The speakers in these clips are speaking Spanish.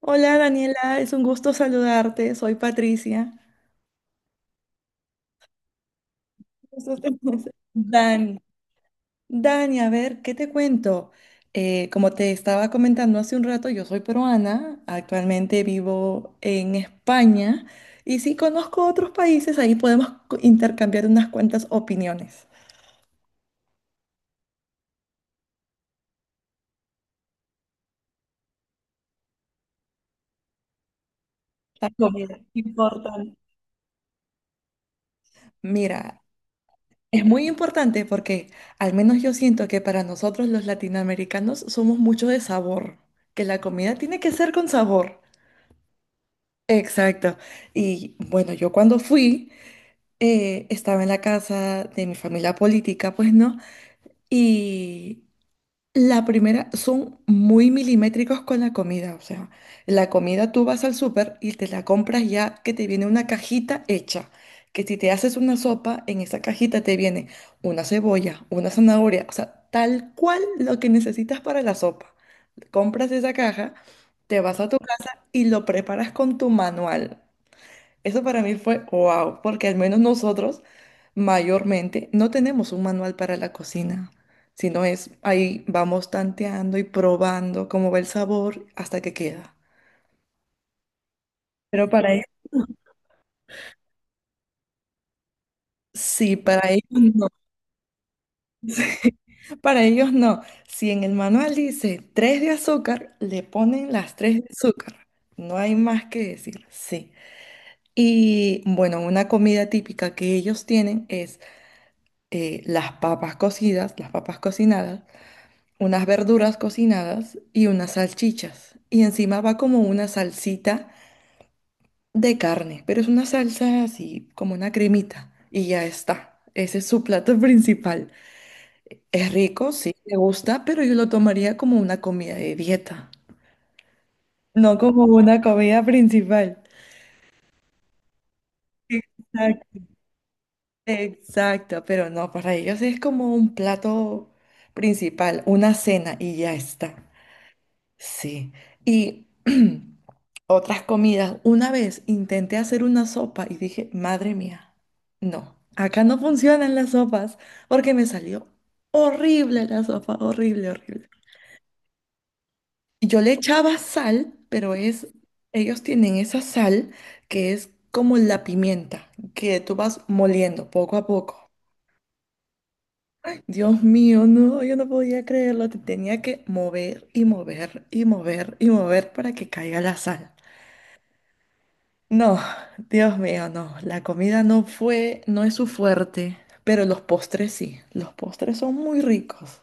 Hola, Daniela, es un gusto saludarte, soy Patricia. Gusto te- Dani, Dani, a ver, ¿qué te cuento? Como te estaba comentando hace un rato, yo soy peruana, actualmente vivo en España y sí conozco otros países, ahí podemos intercambiar unas cuantas opiniones. La comida, importante. Mira, es muy importante porque al menos yo siento que para nosotros los latinoamericanos somos mucho de sabor, que la comida tiene que ser con sabor. Exacto. Y bueno, yo cuando fui, estaba en la casa de mi familia política, pues no. Y la primera, son muy milimétricos con la comida. O sea, la comida tú vas al súper y te la compras ya que te viene una cajita hecha. Que si te haces una sopa, en esa cajita te viene una cebolla, una zanahoria, o sea, tal cual lo que necesitas para la sopa. Compras esa caja, te vas a tu casa y lo preparas con tu manual. Eso para mí fue wow, porque al menos nosotros mayormente no tenemos un manual para la cocina, sino es ahí vamos tanteando y probando cómo va el sabor hasta que queda. Pero para ellos, sí, para ellos no. Sí, para ellos no. Si en el manual dice tres de azúcar, le ponen las tres de azúcar. No hay más que decir, sí. Y bueno, una comida típica que ellos tienen es las papas cocidas, las papas cocinadas, unas verduras cocinadas y unas salchichas. Y encima va como una salsita de carne, pero es una salsa así, como una cremita. Y ya está. Ese es su plato principal. Es rico, sí, me gusta, pero yo lo tomaría como una comida de dieta, no como una comida principal. Exacto, exacto, pero no, para ellos es como un plato principal, una cena y ya está. Sí, y otras comidas. Una vez intenté hacer una sopa y dije, madre mía, no, acá no funcionan las sopas porque me salió horrible la sopa, horrible, horrible. Yo le echaba sal, pero es, ellos tienen esa sal que es como la pimienta, que tú vas moliendo poco a poco. Dios mío, no, yo no podía creerlo, te tenía que mover y mover y mover y mover para que caiga la sal. No, Dios mío, no. La comida no fue, no es su fuerte, pero los postres sí. Los postres son muy ricos.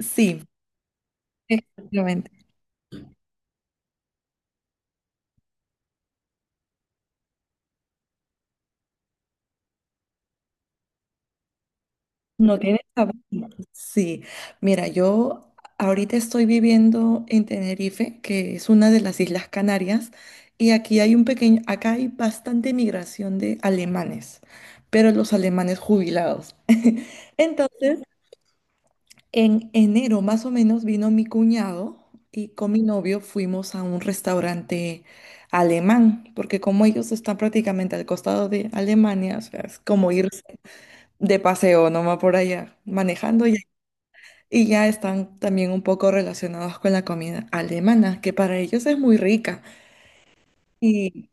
Sí, exactamente. No tiene sabor. Sí. Mira, yo ahorita estoy viviendo en Tenerife, que es una de las Islas Canarias, y aquí hay un pequeño, acá hay bastante migración de alemanes, pero los alemanes jubilados. Entonces, en enero más o menos vino mi cuñado y con mi novio fuimos a un restaurante alemán, porque como ellos están prácticamente al costado de Alemania, o sea, es como ir de paseo nomás por allá, manejando ya. Y ya están también un poco relacionados con la comida alemana, que para ellos es muy rica. Y,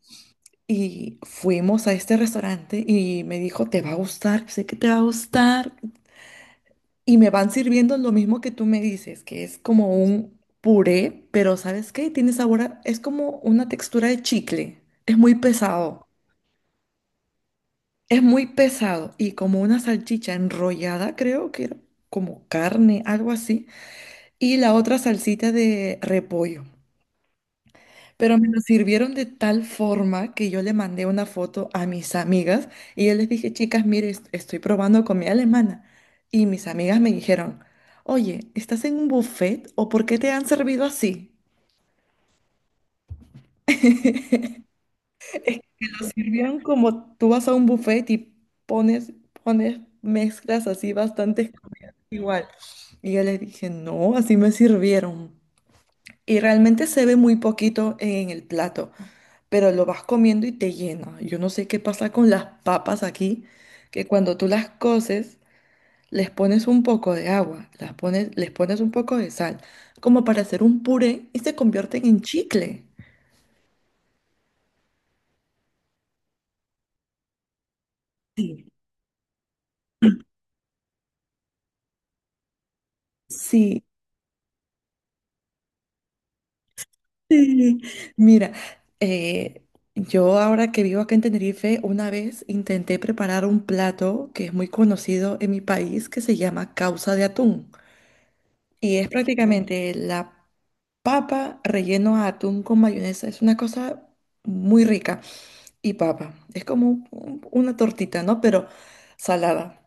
y fuimos a este restaurante y me dijo, te va a gustar, sé que te va a gustar. Y me van sirviendo lo mismo que tú me dices, que es como un puré, pero ¿sabes qué? Tiene sabor es como una textura de chicle. Es muy pesado. Es muy pesado y como una salchicha enrollada, creo que era como carne, algo así. Y la otra salsita de repollo. Pero me lo sirvieron de tal forma que yo le mandé una foto a mis amigas y yo les dije, chicas, mire, estoy probando comida alemana. Y mis amigas me dijeron, oye, ¿estás en un buffet o por qué te han servido así? Es que lo sirvieron como tú vas a un buffet y pones, pones mezclas así bastante igual. Y yo les dije, no, así me sirvieron. Y realmente se ve muy poquito en el plato, pero lo vas comiendo y te llena. Yo no sé qué pasa con las papas aquí, que cuando tú las coces, les pones un poco de agua, les pones un poco de sal, como para hacer un puré y se convierten en chicle. Sí, sí. Mira, eh, yo ahora que vivo acá en Tenerife, una vez intenté preparar un plato que es muy conocido en mi país que se llama causa de atún. Y es prácticamente la papa relleno a atún con mayonesa. Es una cosa muy rica. Y papa. Es como una tortita, ¿no? Pero salada.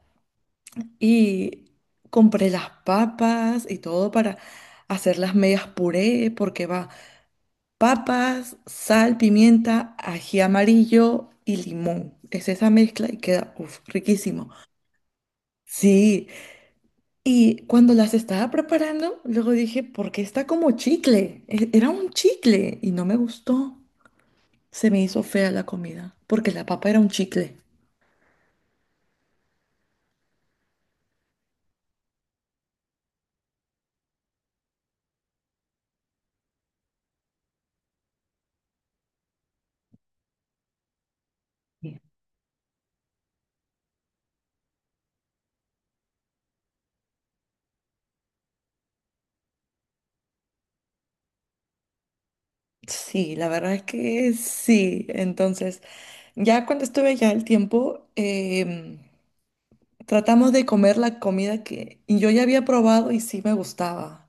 Y compré las papas y todo para hacer las medias puré, porque va papas, sal, pimienta, ají amarillo y limón. Es esa mezcla y queda, uf, riquísimo. Sí, y cuando las estaba preparando, luego dije, ¿por qué está como chicle? Era un chicle y no me gustó. Se me hizo fea la comida porque la papa era un chicle. Bien. Sí, la verdad es que sí. Entonces, ya cuando estuve ya el tiempo, tratamos de comer la comida que y yo ya había probado y sí me gustaba.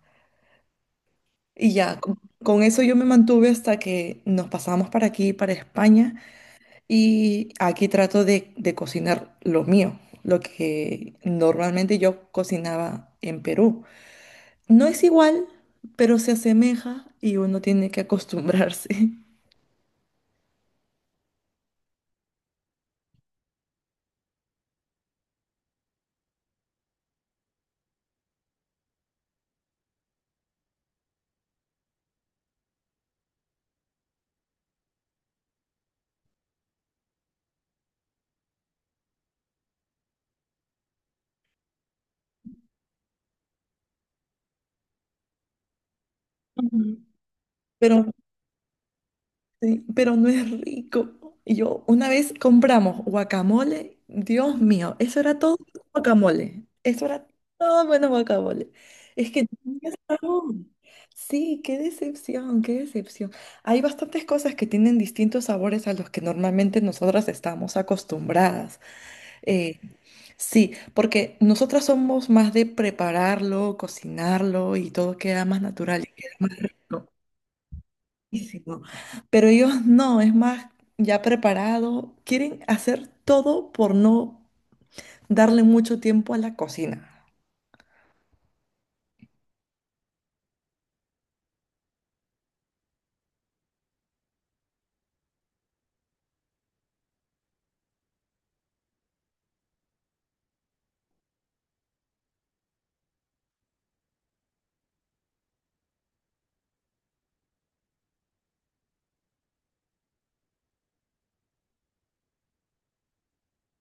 Y ya, con eso yo me mantuve hasta que nos pasamos para aquí, para España. Y aquí trato de cocinar lo mío, lo que normalmente yo cocinaba en Perú. No es igual, pero se asemeja y uno tiene que acostumbrarse. Ujú. Pero, sí, pero no es rico. Yo una vez compramos guacamole, Dios mío, eso era todo guacamole. Eso era todo bueno guacamole. Es que decepción. Sí, qué decepción, qué decepción. Hay bastantes cosas que tienen distintos sabores a los que normalmente nosotras estamos acostumbradas. Eh, sí, porque nosotras somos más de prepararlo, cocinarlo y todo queda más natural y queda más rico. Riquísimo. Pero ellos no, es más ya preparado. Quieren hacer todo por no darle mucho tiempo a la cocina.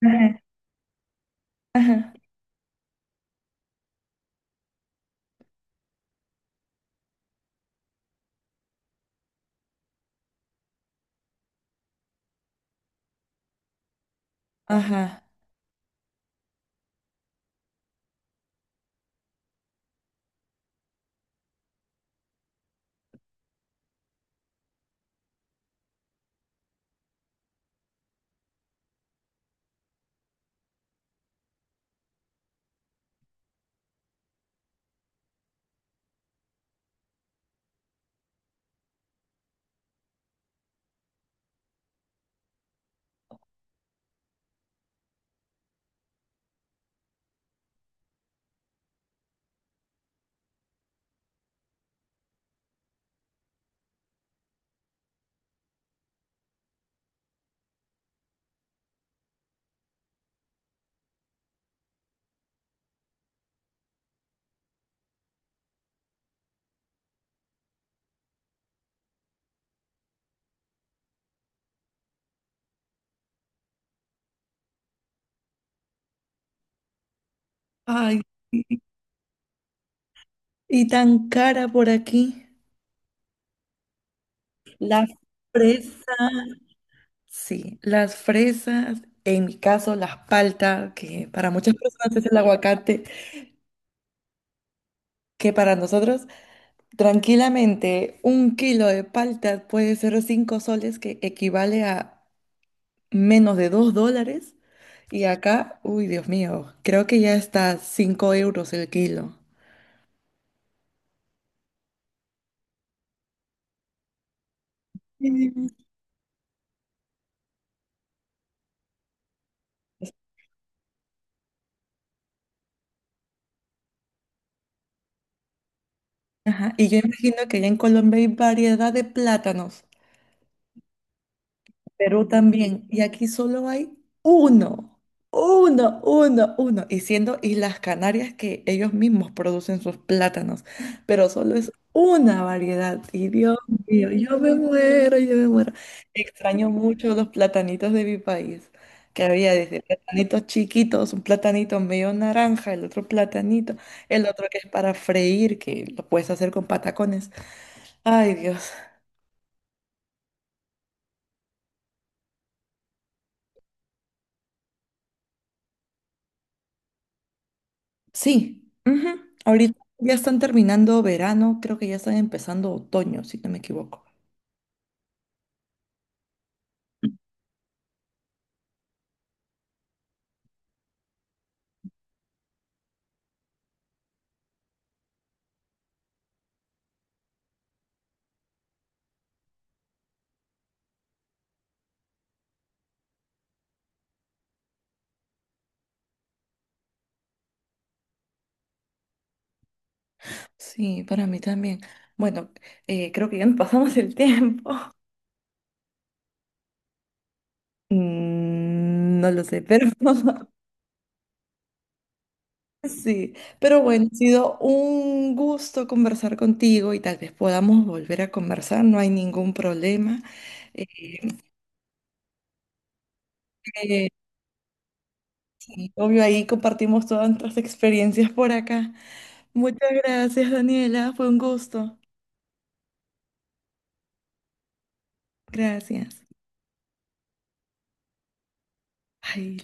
Ajá. Ajá. Ajá. Ay, sí. Y tan cara por aquí. Las Fresas. Sí, las fresas, en mi caso las paltas, que para muchas personas es el aguacate, que para nosotros tranquilamente un kilo de paltas puede ser 5 soles, que equivale a menos de $2. Y acá, uy, Dios mío, creo que ya está 5 € el kilo. Mm. Ajá, y yo imagino que ya en Colombia hay variedad de plátanos. Perú también. Y aquí solo hay uno, uno. Y siendo Islas Canarias que ellos mismos producen sus plátanos, pero solo es una variedad. Y Dios mío, yo me muero, yo me muero. Extraño mucho los platanitos de mi país, que había desde platanitos chiquitos, un platanito medio naranja, el otro platanito, el otro que es para freír, que lo puedes hacer con patacones. Ay, Dios. Sí, ujú. Ahorita ya están terminando verano, creo que ya están empezando otoño, si no me equivoco. Sí, para mí también. Bueno, creo que ya nos pasamos el tiempo. Mm, no lo sé, pero sí. Pero bueno, ha sido un gusto conversar contigo y tal vez podamos volver a conversar, no hay ningún problema. Eh, eh, sí, obvio, ahí compartimos todas nuestras experiencias por acá. Muchas gracias, Daniela, fue un gusto. Gracias. Ay,